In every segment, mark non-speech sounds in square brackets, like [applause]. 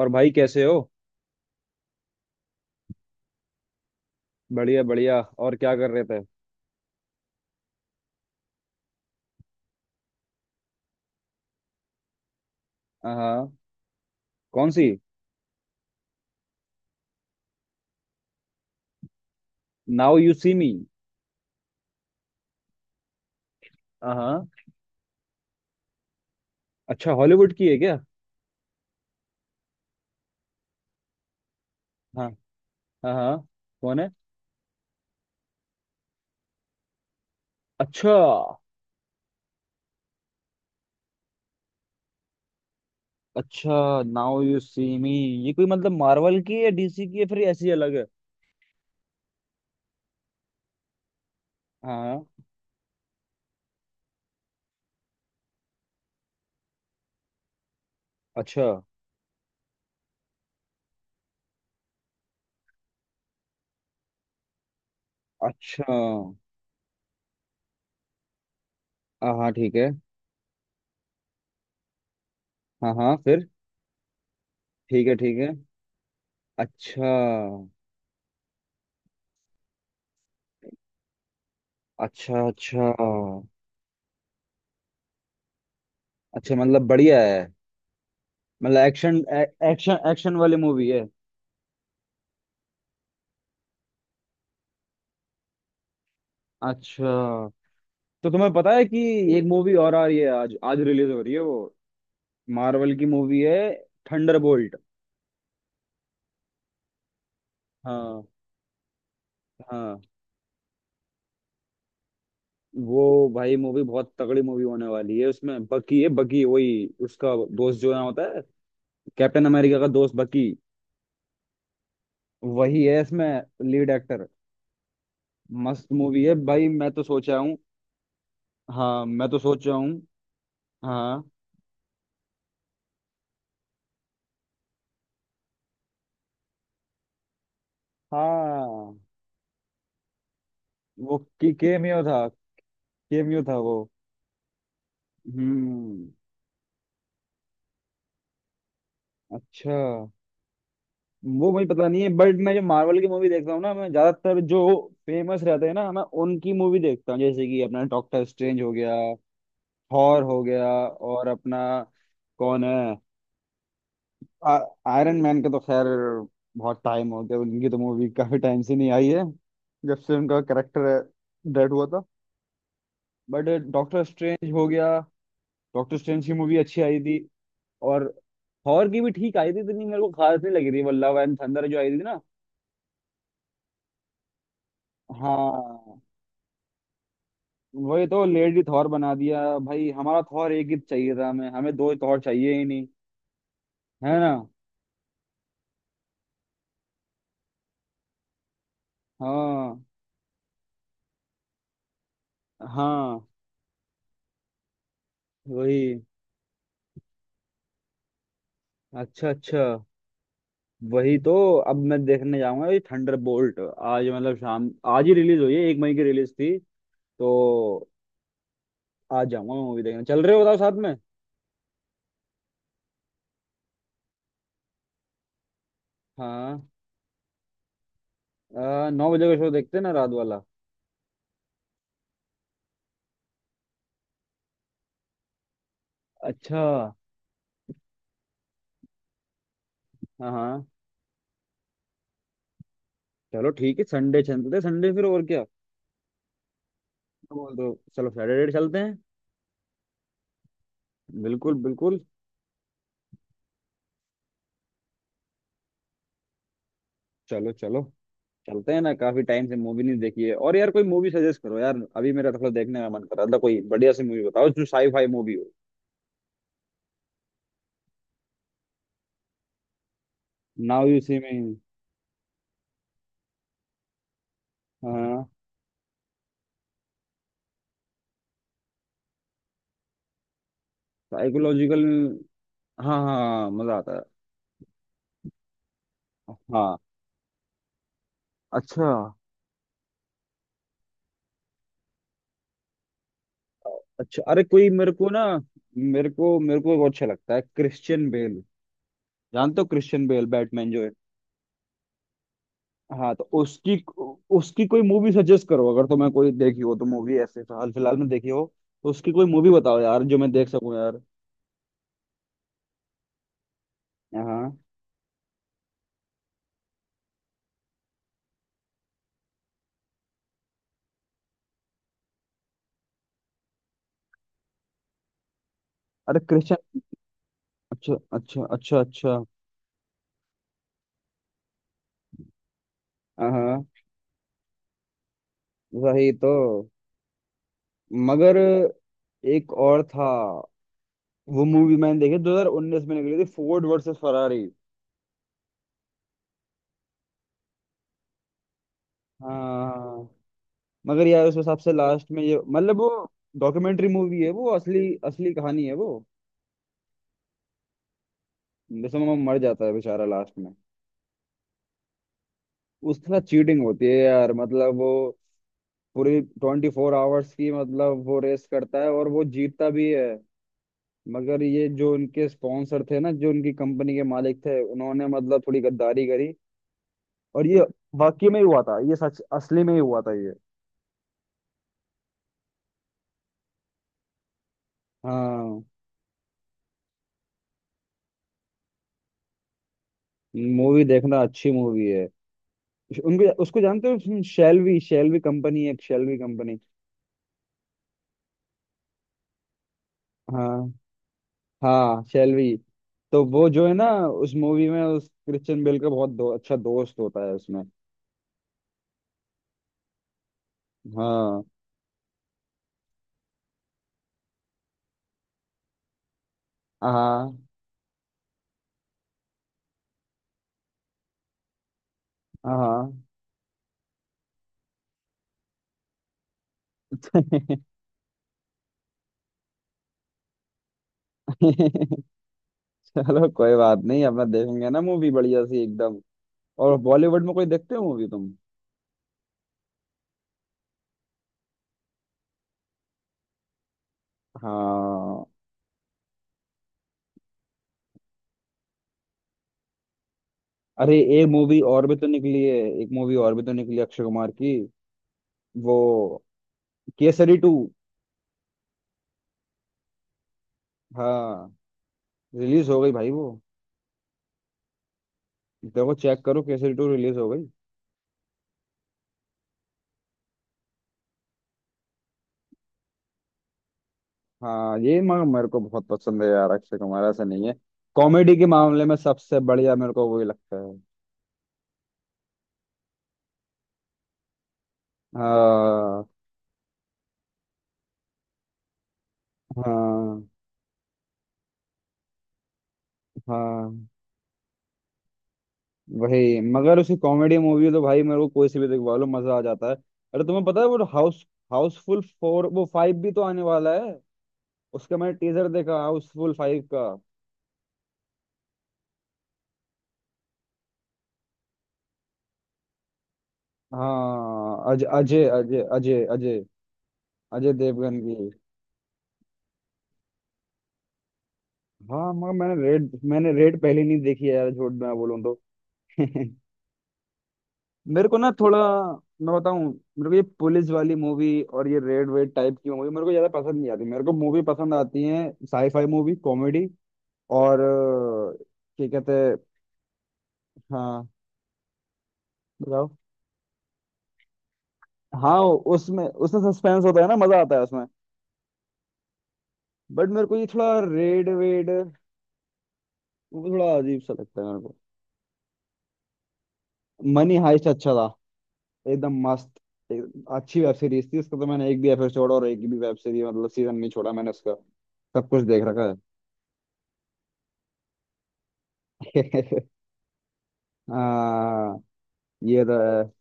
और भाई कैसे हो। बढ़िया बढ़िया। और क्या कर रहे थे? हाँ। कौन सी? Now you see me. हाँ, अच्छा हॉलीवुड की है क्या? हाँ हाँ हाँ। कौन है? अच्छा। अच्छा नाउ यू सी मी। ये कोई मतलब मार्वल की है, डीसी की है, फिर ऐसी अलग है? हाँ हाँ, अच्छा। अच्छा हाँ हाँ ठीक है। हाँ हाँ फिर? ठीक है ठीक है। अच्छा। अच्छा अच्छा। अच्छा मतलब बढ़िया है। मतलब एक्शन, एक्शन एक्शन वाली मूवी है? अच्छा। तो तुम्हें पता है कि एक मूवी और आ रही है, आज आज रिलीज हो रही है वो। मार्वल की मूवी है। थंडरबोल्ट। हाँ। हाँ वो भाई मूवी बहुत तगड़ी मूवी होने वाली है। उसमें बकी है, बकी वही उसका दोस्त जो ना होता है, कैप्टन अमेरिका का दोस्त बकी। वही है इसमें लीड एक्टर। मस्त मूवी है भाई, मैं तो सोचा हूँ। हाँ मैं तो सोचा हूँ। हाँ हाँ वो की केमियो था, केमियो था वो। हम्म। अच्छा, वो मुझे पता नहीं है बट मैं जो मार्वल की मूवी देखता हूँ ना, मैं ज्यादातर जो फेमस रहते हैं ना, मैं उनकी मूवी देखता हूँ। जैसे कि अपना डॉक्टर स्ट्रेंज हो गया, थॉर हो गया, और अपना कौन है? आ, आयरन मैन का तो खैर बहुत टाइम हो गया, उनकी तो मूवी काफी टाइम से नहीं आई है जब से उनका करेक्टर डेड हुआ था। बट डॉक्टर स्ट्रेंज हो गया, डॉक्टर स्ट्रेंज की मूवी अच्छी आई थी। और थॉर की भी ठीक आई थी, इतनी मेरे को खास नहीं लगी थी वो लव एंड थंडर जो आई थी ना। हाँ वही तो, लेडी थॉर बना दिया भाई। हमारा थॉर एक ही चाहिए था हमें, हमें दो थॉर चाहिए ही नहीं। है ना? हाँ हाँ। वही। अच्छा अच्छा। वही तो। अब मैं देखने जाऊंगा ये थंडर बोल्ट आज, मतलब शाम। आज ही रिलीज हुई है, 1 मई की रिलीज थी। तो आज जाऊंगा मैं मूवी देखने, चल रहे हो बताओ साथ में? हाँ। 9 बजे का शो देखते हैं ना, रात वाला। अच्छा। हाँ हाँ। चलो ठीक है, संडे चलते हैं, संडे फिर और क्या? बोल दो। चलो सैटरडे चलते हैं। बिल्कुल बिल्कुल। चलो चलो। चलते हैं ना, काफी टाइम से मूवी नहीं देखी है। और यार कोई मूवी सजेस्ट करो यार, अभी मेरा थोड़ा देखने का मन कर रहा था। कोई बढ़िया सी मूवी बताओ जो साई फाई मूवी हो। Now you see me. हाँ। साइकोलॉजिकल। हाँ हाँ मजा आता है। हाँ। अच्छा। अच्छा, अरे कोई मेरे को ना, मेरे को वो अच्छा लगता है क्रिश्चियन बेल। जानते हो क्रिश्चियन बेल, बैटमैन जो है? हाँ, तो उसकी उसकी कोई मूवी सजेस्ट करो, अगर तुम्हें कोई देखी हो तो, मूवी ऐसे हाल फिलहाल में देखी हो तो उसकी कोई मूवी बताओ यार जो मैं देख सकूं यार। हाँ। अरे क्रिश्चियन। अच्छा अच्छा अच्छा अच्छा। हाँ वही तो। मगर एक और था, वो मूवी मैंने देखी 2019 में निकली थी, फोर्ड वर्सेस फरारी। हाँ मगर यार उस हिसाब से लास्ट में, ये मतलब वो डॉक्यूमेंट्री मूवी है वो, असली असली कहानी है वो। जैसे वो मर जाता है बेचारा लास्ट में, उसके साथ चीटिंग होती है यार मतलब। वो पूरी 24 आवर्स की, मतलब वो रेस करता है और वो जीतता भी है, मगर ये जो उनके स्पॉन्सर थे ना, जो उनकी कंपनी के मालिक थे, उन्होंने मतलब थोड़ी गद्दारी करी। और ये वाकई में ही हुआ था ये, सच असली में ही हुआ था ये। हाँ मूवी देखना, अच्छी मूवी है। उनको उसको जानते हो शेल्वी? शेल्वी कंपनी है एक, शेल्वी कंपनी। हाँ हाँ शेल्वी। तो वो जो है ना उस मूवी में, उस क्रिश्चियन बेल का बहुत अच्छा दोस्त होता है उसमें। हाँ। हाँ हाँ। [laughs] चलो कोई बात नहीं, अब मैं देखेंगे ना मूवी बढ़िया सी एकदम। और बॉलीवुड में कोई देखते हो मूवी तुम? हाँ। अरे एक मूवी और भी तो निकली है, एक मूवी और भी तो निकली है अक्षय कुमार की। वो केसरी टू। हाँ रिलीज हो गई भाई वो। देखो चेक करो, केसरी टू रिलीज हो गई। हाँ ये मगर मेरे को बहुत पसंद है यार अक्षय कुमार, ऐसा नहीं है। कॉमेडी के मामले में सबसे बढ़िया मेरे को वही लगता है। हाँ हाँ हाँ। वही, मगर उसकी कॉमेडी मूवी है तो भाई मेरे को कोई सी भी दिखवा लो, मजा आ जाता है। अरे तुम्हें पता है वो हाउस, हाउसफुल फोर, वो फाइव भी तो आने वाला है। उसका मैंने टीजर देखा हाउसफुल फाइव का। हाँ अज अजय अजय अजय अजय, अजय देवगन की। हाँ मगर मैंने रेड, मैंने रेड पहले नहीं देखी है यार, झूठ मैं बोलूँ तो। [laughs] मेरे को ना थोड़ा, मैं बताऊं, मेरे को ये पुलिस वाली मूवी और ये रेड वेड टाइप की मूवी मेरे को ज्यादा पसंद नहीं आती। मेरे को मूवी पसंद आती है साईफाई मूवी, कॉमेडी, और क्या कहते हैं? हाँ, बताओ। हाँ उसमें उसमें सस्पेंस होता है ना, मजा आता है उसमें। बट मेरे को ये थोड़ा रेड वेड वो थोड़ा अजीब सा लगता है मेरे को। मनी हाइस्ट अच्छा था एकदम मस्त। एक, अच्छी वेब सीरीज थी, उसका तो मैंने एक भी एपिसोड और एक भी वेब सीरीज मतलब सीजन नहीं छोड़ा मैंने उसका। सब कुछ देख रखा है। [laughs] हाँ ये तो है।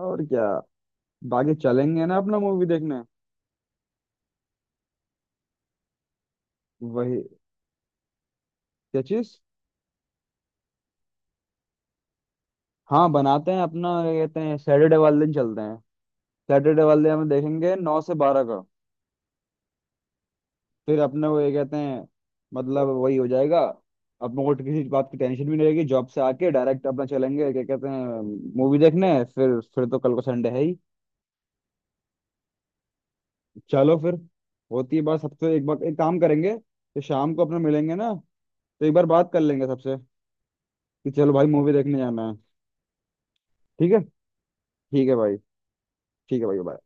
और क्या, बाकी चलेंगे ना अपना मूवी देखने? वही, क्या चीज? हाँ बनाते हैं अपना क्या कहते हैं, सैटरडे वाले दिन चलते हैं। सैटरडे वाले हम देखेंगे 9 से 12 का। फिर अपने को ये कहते हैं मतलब, वही हो जाएगा। अपने को किसी बात की टेंशन भी नहीं रहेगी, जॉब से आके डायरेक्ट अपना चलेंगे क्या कहते हैं मूवी देखने। फिर तो कल को संडे है ही। चलो फिर। होती है बात सबसे एक बार, एक काम करेंगे तो शाम को अपना मिलेंगे ना, तो एक बार बात कर लेंगे सबसे कि चलो भाई मूवी देखने जाना है। ठीक है। ठीक है भाई। ठीक है भाई bye।